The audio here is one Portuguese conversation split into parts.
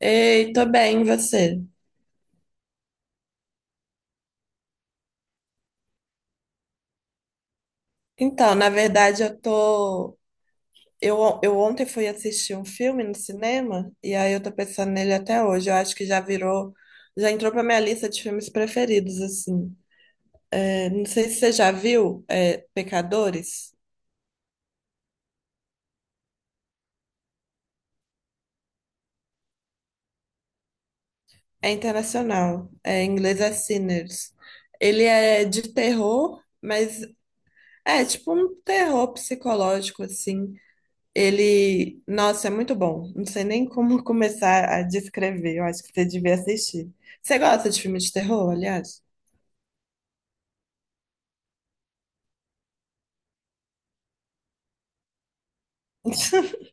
Ei, tô bem, e você? Então, na verdade, eu tô. Eu, on- eu ontem fui assistir um filme no cinema e aí eu tô pensando nele até hoje. Eu acho que já entrou pra minha lista de filmes preferidos, assim. Não sei se você já viu, é, Pecadores. É internacional. É, em inglês é Sinners. Ele é de terror, mas é tipo um terror psicológico, assim. Ele, nossa, é muito bom. Não sei nem como começar a descrever. Eu acho que você devia assistir. Você gosta de filme de terror, aliás?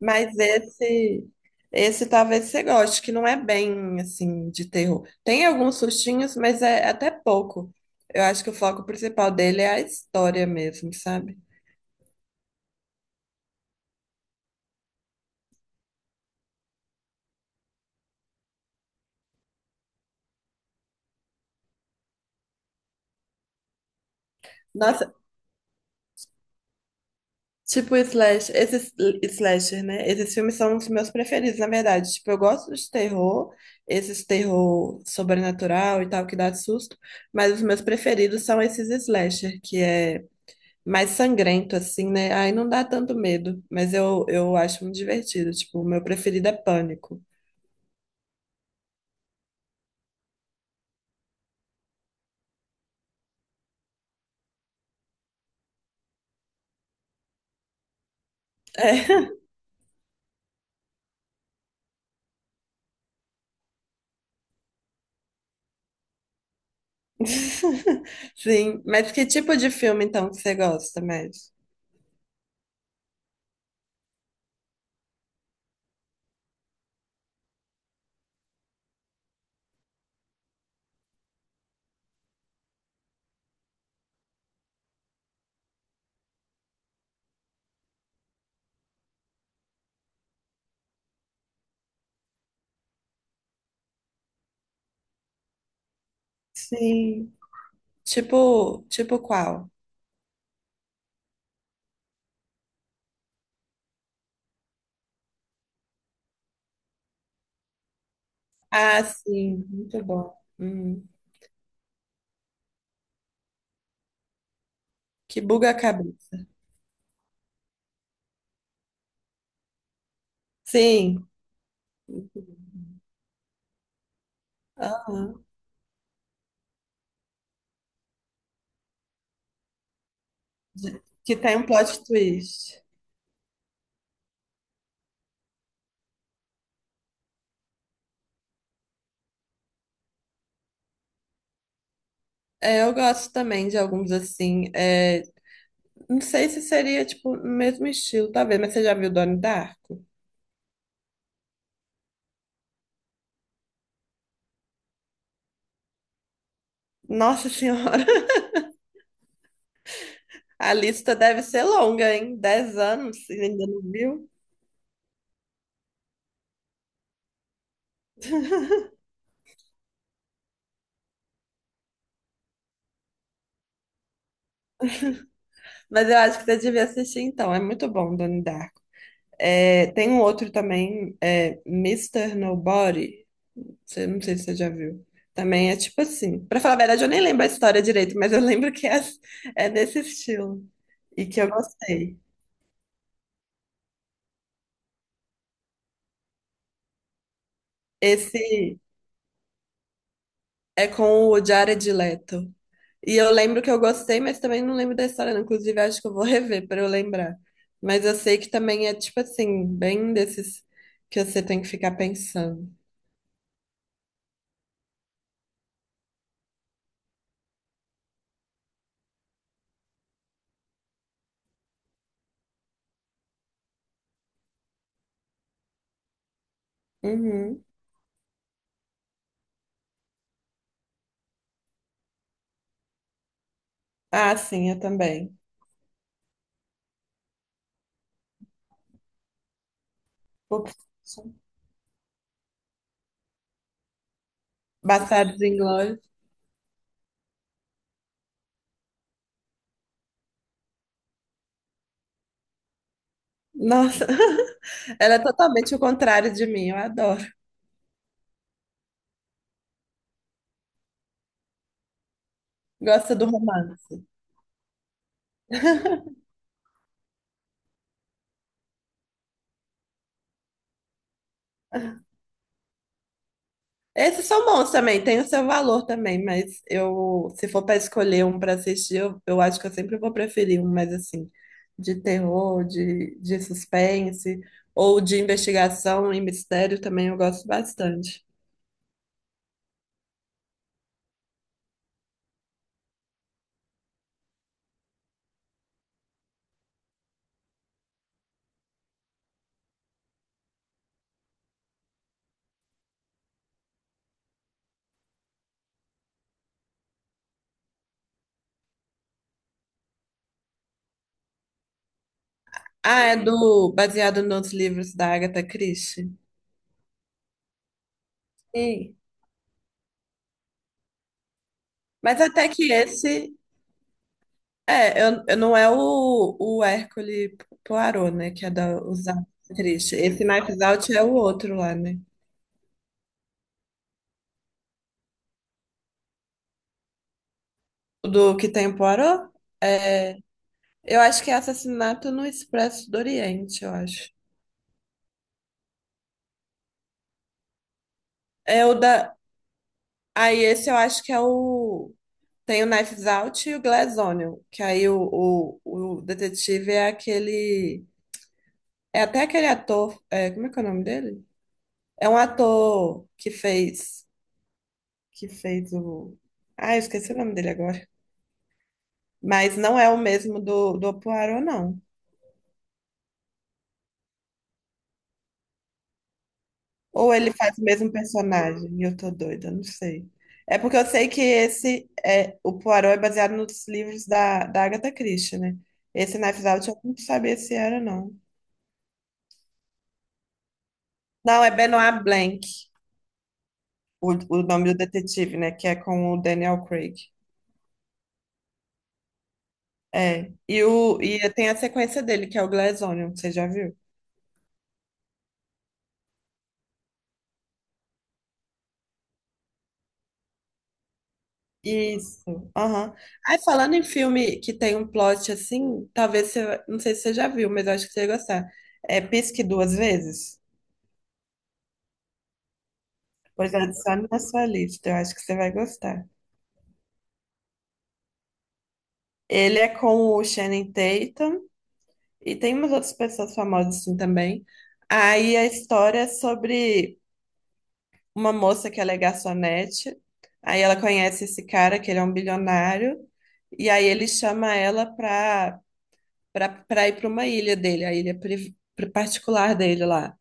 Mas esse talvez você goste, que não é bem assim de terror. Tem alguns sustinhos, mas é até pouco. Eu acho que o foco principal dele é a história mesmo, sabe? Nossa, tipo, slash, esses slasher, né? Esses filmes são os meus preferidos, na verdade. Tipo, eu gosto de terror, esses terror sobrenatural e tal, que dá susto, mas os meus preferidos são esses slasher, que é mais sangrento, assim, né? Aí não dá tanto medo, mas eu acho muito divertido. Tipo, o meu preferido é Pânico. É. Sim, mas que tipo de filme, então, que você gosta mais? Sim. Tipo qual? Ah, sim, muito bom. Uhum. Que buga a cabeça. Sim, aham. Que tem um plot twist. É, eu gosto também de alguns assim, é, não sei se seria tipo no mesmo estilo, talvez, mas você já viu Donnie Darko? Nossa Senhora, a lista deve ser longa, hein? Dez anos, você ainda não viu? Mas eu acho que você devia assistir então. É muito bom, Donnie Darko. É, tem um outro também, é, Mr. Nobody. Você, não sei se você já viu. Também é tipo assim. Pra falar a verdade, eu nem lembro a história direito, mas eu lembro é nesse estilo. E que eu gostei. Esse é com o Jared Leto. E eu lembro que eu gostei, mas também não lembro da história, não. Inclusive, acho que eu vou rever pra eu lembrar. Mas eu sei que também é tipo assim, bem desses que você tem que ficar pensando. Uhum. Ah, sim, eu também. Ups. Bastardos Inglórios. Nossa, ela é totalmente o contrário de mim, eu adoro. Gosta do romance. Esses são bons também, tem o seu valor também, mas eu, se for para escolher um para assistir, eu acho que eu sempre vou preferir um mais assim, de terror, de suspense, ou de investigação e mistério também eu gosto bastante. Ah, é, uhum, do, baseado nos livros da Agatha Christie. Sim. Mas até que esse, é, eu não é o Hércule Poirot, né, que é da, os Agatha Christie. Esse Knives Out é o outro lá, né? Do que tem em Poirot? É, eu acho que é Assassinato no Expresso do Oriente, eu acho. É o da. Aí esse eu acho que é o. Tem o Knives Out e o Glass Onion, que aí o detetive é aquele. É até aquele ator, é, como é que é o nome dele? É um ator que fez. Que fez o. Ah, eu esqueci o nome dele agora. Mas não é o mesmo do Poirot, não. Ou ele faz o mesmo personagem e eu tô doida, não sei. É porque eu sei que esse é o Poirot é baseado nos livros da Agatha Christie, né? Esse Knives Out eu não sabia se era, não. Não, é Benoit Blanc, o, o nome do detetive, né? Que é com o Daniel Craig. É. E, o, e tem a sequência dele, que é o Glass Onion, você já viu? Isso. Aham. Aí, falando em filme que tem um plot assim, talvez você. Não sei se você já viu, mas eu acho que você ia gostar. É Pisque Duas Vezes. Pois adicione na sua lista, eu acho que você vai gostar. Ele é com o Channing Tatum e tem umas outras pessoas famosas assim também. Aí a história é sobre uma moça que ela é garçonete, aí ela conhece esse cara que ele é um bilionário e aí ele chama ela pra, pra ir pra uma ilha dele, a ilha particular dele lá.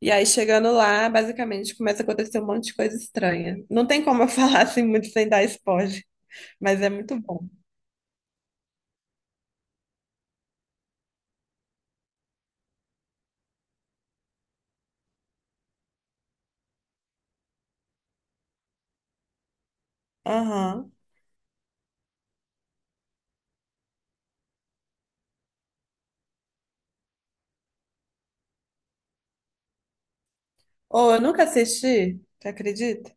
E aí chegando lá, basicamente começa a acontecer um monte de coisa estranha. Não tem como eu falar assim muito sem dar spoiler, mas é muito bom. Aham. Ou eu nunca assisti, você acredita?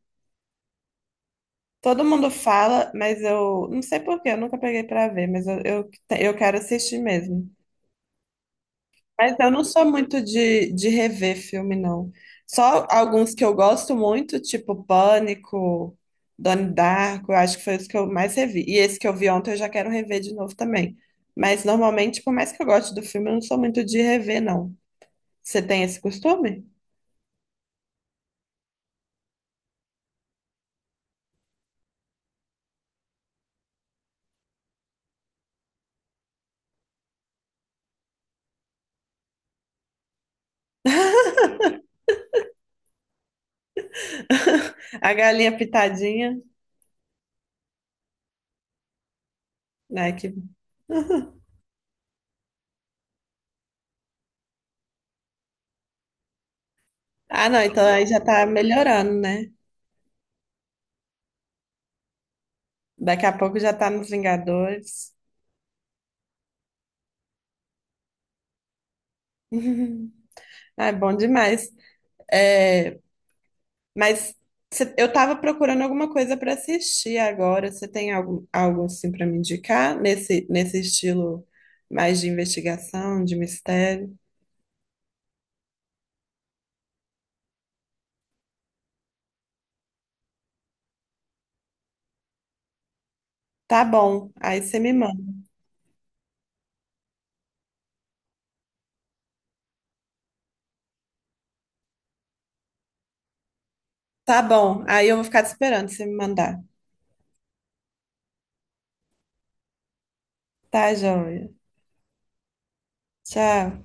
Todo mundo fala, mas eu não sei por quê, eu nunca peguei pra ver, mas eu quero assistir mesmo. Mas eu não sou muito de rever filme, não. Só alguns que eu gosto muito, tipo Pânico, Donnie Darko, eu acho que foi os que eu mais revi. E esse que eu vi ontem eu já quero rever de novo também. Mas normalmente, por mais que eu goste do filme, eu não sou muito de rever, não. Você tem esse costume? A galinha pitadinha. Ai, que... Ah, não, então aí já tá melhorando, né? Daqui a pouco já tá nos Vingadores. Ah, é bom demais. É, mas eu tava procurando alguma coisa para assistir agora. Você tem algo, algo assim para me indicar nesse estilo mais de investigação, de mistério? Tá bom, aí você me manda. Tá bom, aí eu vou ficar te esperando você me mandar. Tá, joia. Tchau.